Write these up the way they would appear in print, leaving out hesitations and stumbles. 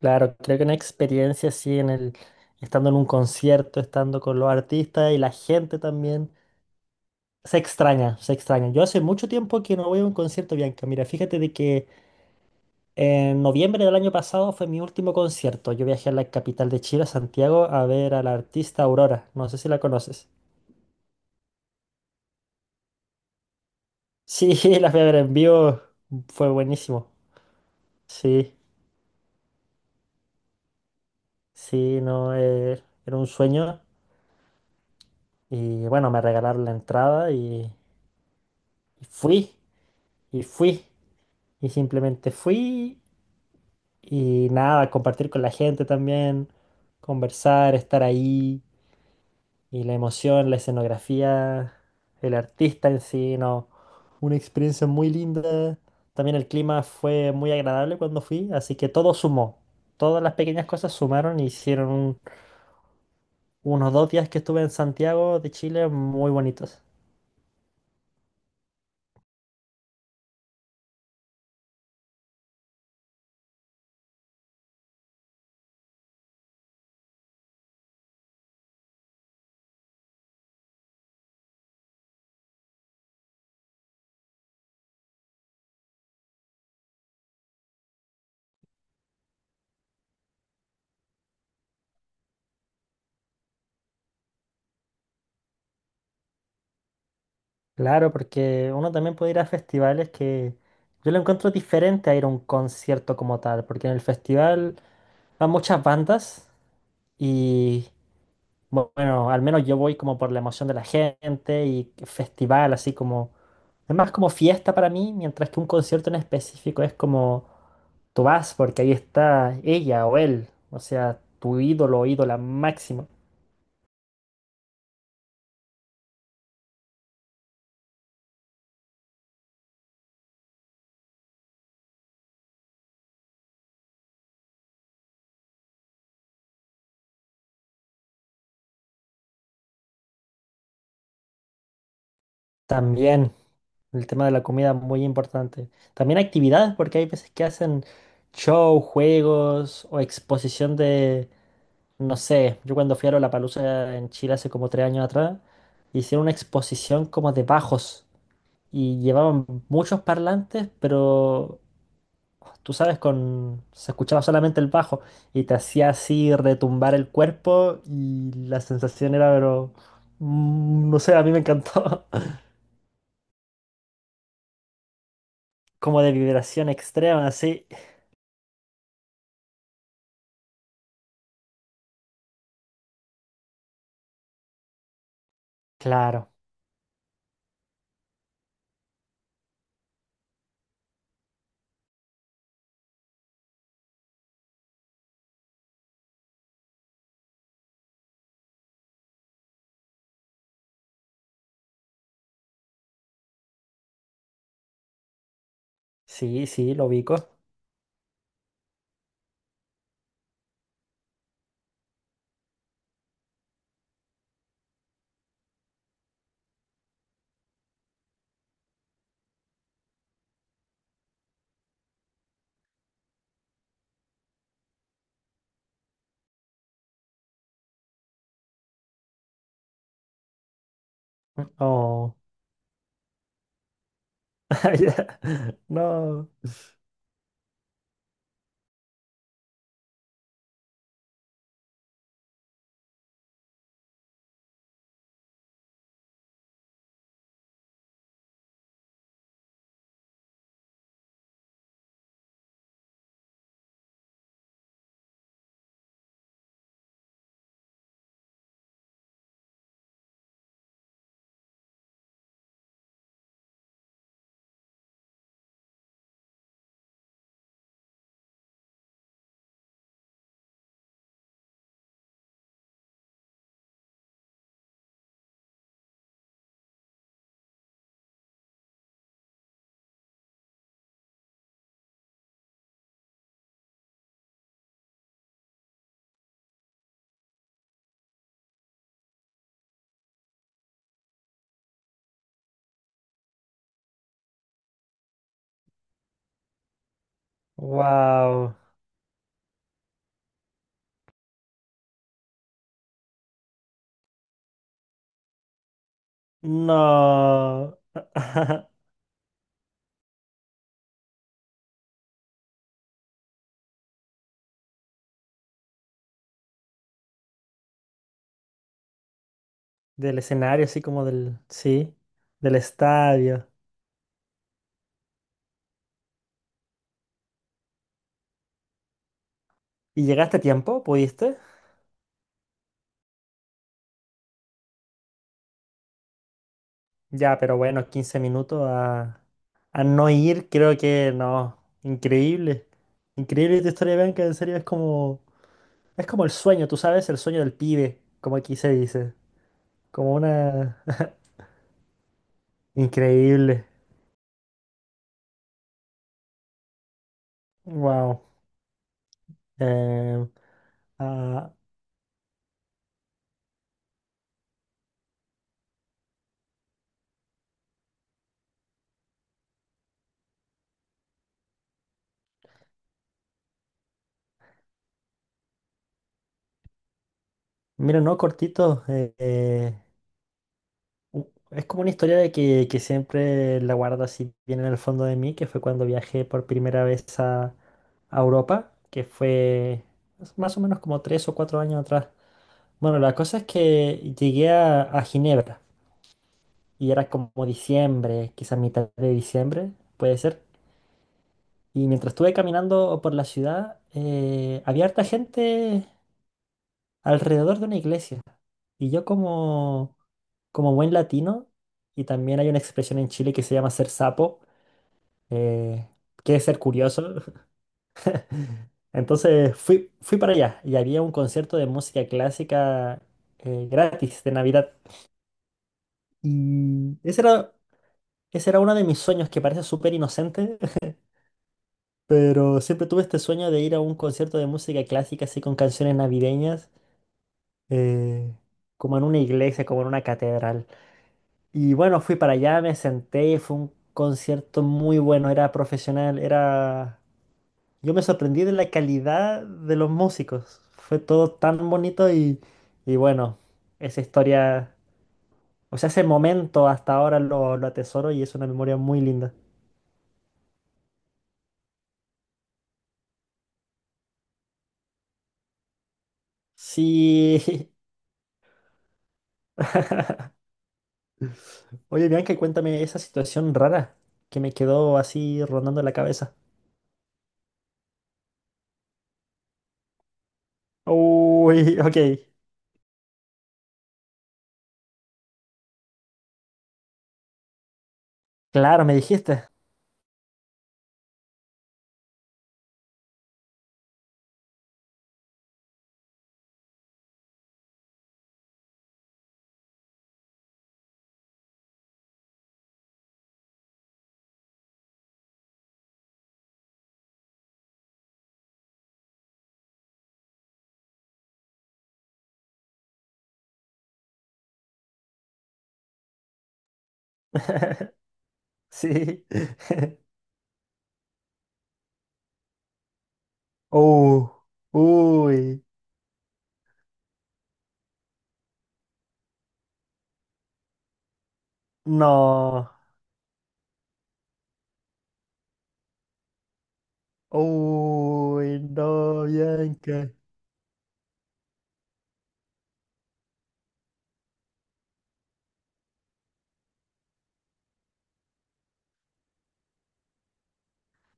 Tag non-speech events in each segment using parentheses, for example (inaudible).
Claro, creo que una experiencia así estando en un concierto, estando con los artistas y la gente también, se extraña, se extraña. Yo hace mucho tiempo que no voy a un concierto, Bianca. Mira, fíjate de que en noviembre del año pasado fue mi último concierto. Yo viajé a la capital de Chile, a Santiago, a ver a la artista Aurora. No sé si la conoces. Sí, (laughs) la fui a ver en vivo, fue buenísimo. Sí, sí, no, era un sueño. Y bueno, me regalaron la entrada y fui, y fui. Y simplemente fui y nada, compartir con la gente también, conversar, estar ahí. Y la emoción, la escenografía, el artista en sí, no, una experiencia muy linda. También el clima fue muy agradable cuando fui, así que todo sumó. Todas las pequeñas cosas sumaron y hicieron unos 2 días que estuve en Santiago de Chile muy bonitos. Claro, porque uno también puede ir a festivales que yo lo encuentro diferente a ir a un concierto como tal, porque en el festival van muchas bandas y bueno, al menos yo voy como por la emoción de la gente y festival, así como... Es más como fiesta para mí, mientras que un concierto en específico es como tú vas porque ahí está ella o él, o sea, tu ídolo o ídola máximo. También el tema de la comida muy importante. También actividades porque hay veces que hacen show, juegos o exposición de... No sé, yo cuando fui a Lollapalooza en Chile hace como 3 años atrás, hicieron una exposición como de bajos y llevaban muchos parlantes, pero tú sabes, con se escuchaba solamente el bajo y te hacía así retumbar el cuerpo y la sensación era, pero no sé, a mí me encantó. (laughs) Como de vibración extrema, así. Claro, sí, sí, lo ubico. Oh, (laughs) ya, no, wow. No. (laughs) Del escenario, así como del... Sí, del estadio. ¿Y llegaste a tiempo? ¿Pudiste? Ya, pero bueno, 15 minutos a no ir, creo que no. Increíble. Increíble tu historia, Bianca. En serio, es como... Es como el sueño, tú sabes, el sueño del pibe, como aquí se dice. Como una... (laughs) Increíble. Wow. Eh, ah, mira, no, cortito. Es como una historia de que siempre la guardo así bien en el fondo de mí, que fue cuando viajé por primera vez a Europa, que fue más o menos como 3 o 4 años atrás. Bueno, la cosa es que llegué a Ginebra y era como diciembre, quizás mitad de diciembre, puede ser. Y mientras estuve caminando por la ciudad, había harta gente alrededor de una iglesia. Y yo como, como buen latino, y también hay una expresión en Chile que se llama ser sapo, eh, que es ser curioso. (laughs) Entonces fui, fui para allá y había un concierto de música clásica gratis de Navidad. Y ese era, ese era uno de mis sueños que parece súper inocente, (laughs) pero siempre tuve este sueño de ir a un concierto de música clásica así con canciones navideñas, eh, como en una iglesia, como en una catedral. Y bueno, fui para allá, me senté y fue un concierto muy bueno, era profesional, era... Yo me sorprendí de la calidad de los músicos, fue todo tan bonito y bueno, esa historia, o sea, ese momento hasta ahora lo atesoro y es una memoria muy linda. Sí, (laughs) oye Bianca, cuéntame esa situación rara que me quedó así rondando la cabeza. Uy, ok, claro, me dijiste. (laughs) Sí. (laughs) Uh, uy, no, uy, no, Bianca.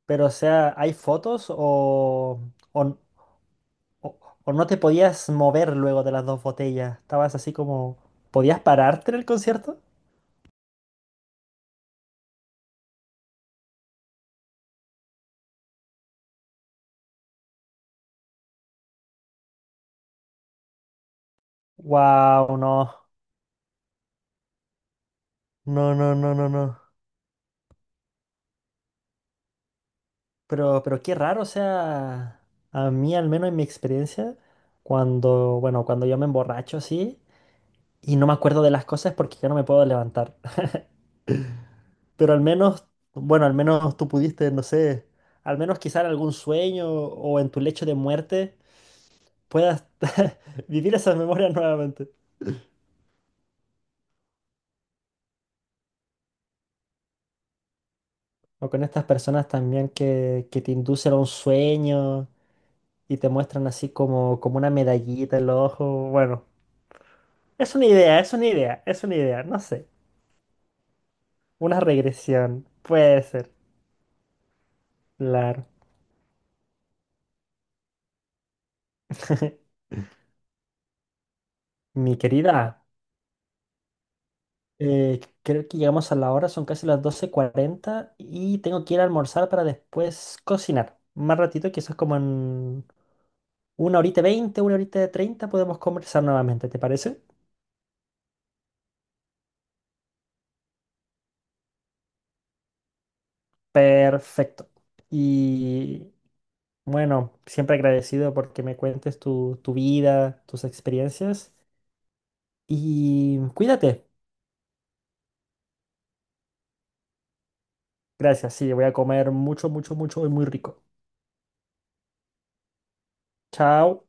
Pero, o sea, ¿hay fotos o, o, o- o no te podías mover luego de las dos botellas? Estabas así como, ¿podías pararte en el concierto? Wow, no, no, no, no, no, no. Pero qué raro, o sea, a mí al menos en mi experiencia, cuando, bueno, cuando yo me emborracho así y no me acuerdo de las cosas porque yo no me puedo levantar. Pero al menos, bueno, al menos tú pudiste, no sé, al menos quizá en algún sueño o en tu lecho de muerte puedas (laughs) vivir esas memorias nuevamente. O con estas personas también que te inducen a un sueño y te muestran así como, como una medallita en los ojos. Bueno, es una idea, es una idea, es una idea, no sé. Una regresión, puede ser, claro. (laughs) Mi querida. Creo que llegamos a la hora, son casi las 12:40 y tengo que ir a almorzar para después cocinar. Más ratito, quizás como en una horita 20, una horita 30, podemos conversar nuevamente, ¿te parece? Perfecto. Y bueno, siempre agradecido porque me cuentes tu, tu vida, tus experiencias y cuídate. Gracias, sí, voy a comer mucho, mucho, mucho y muy rico. Chao.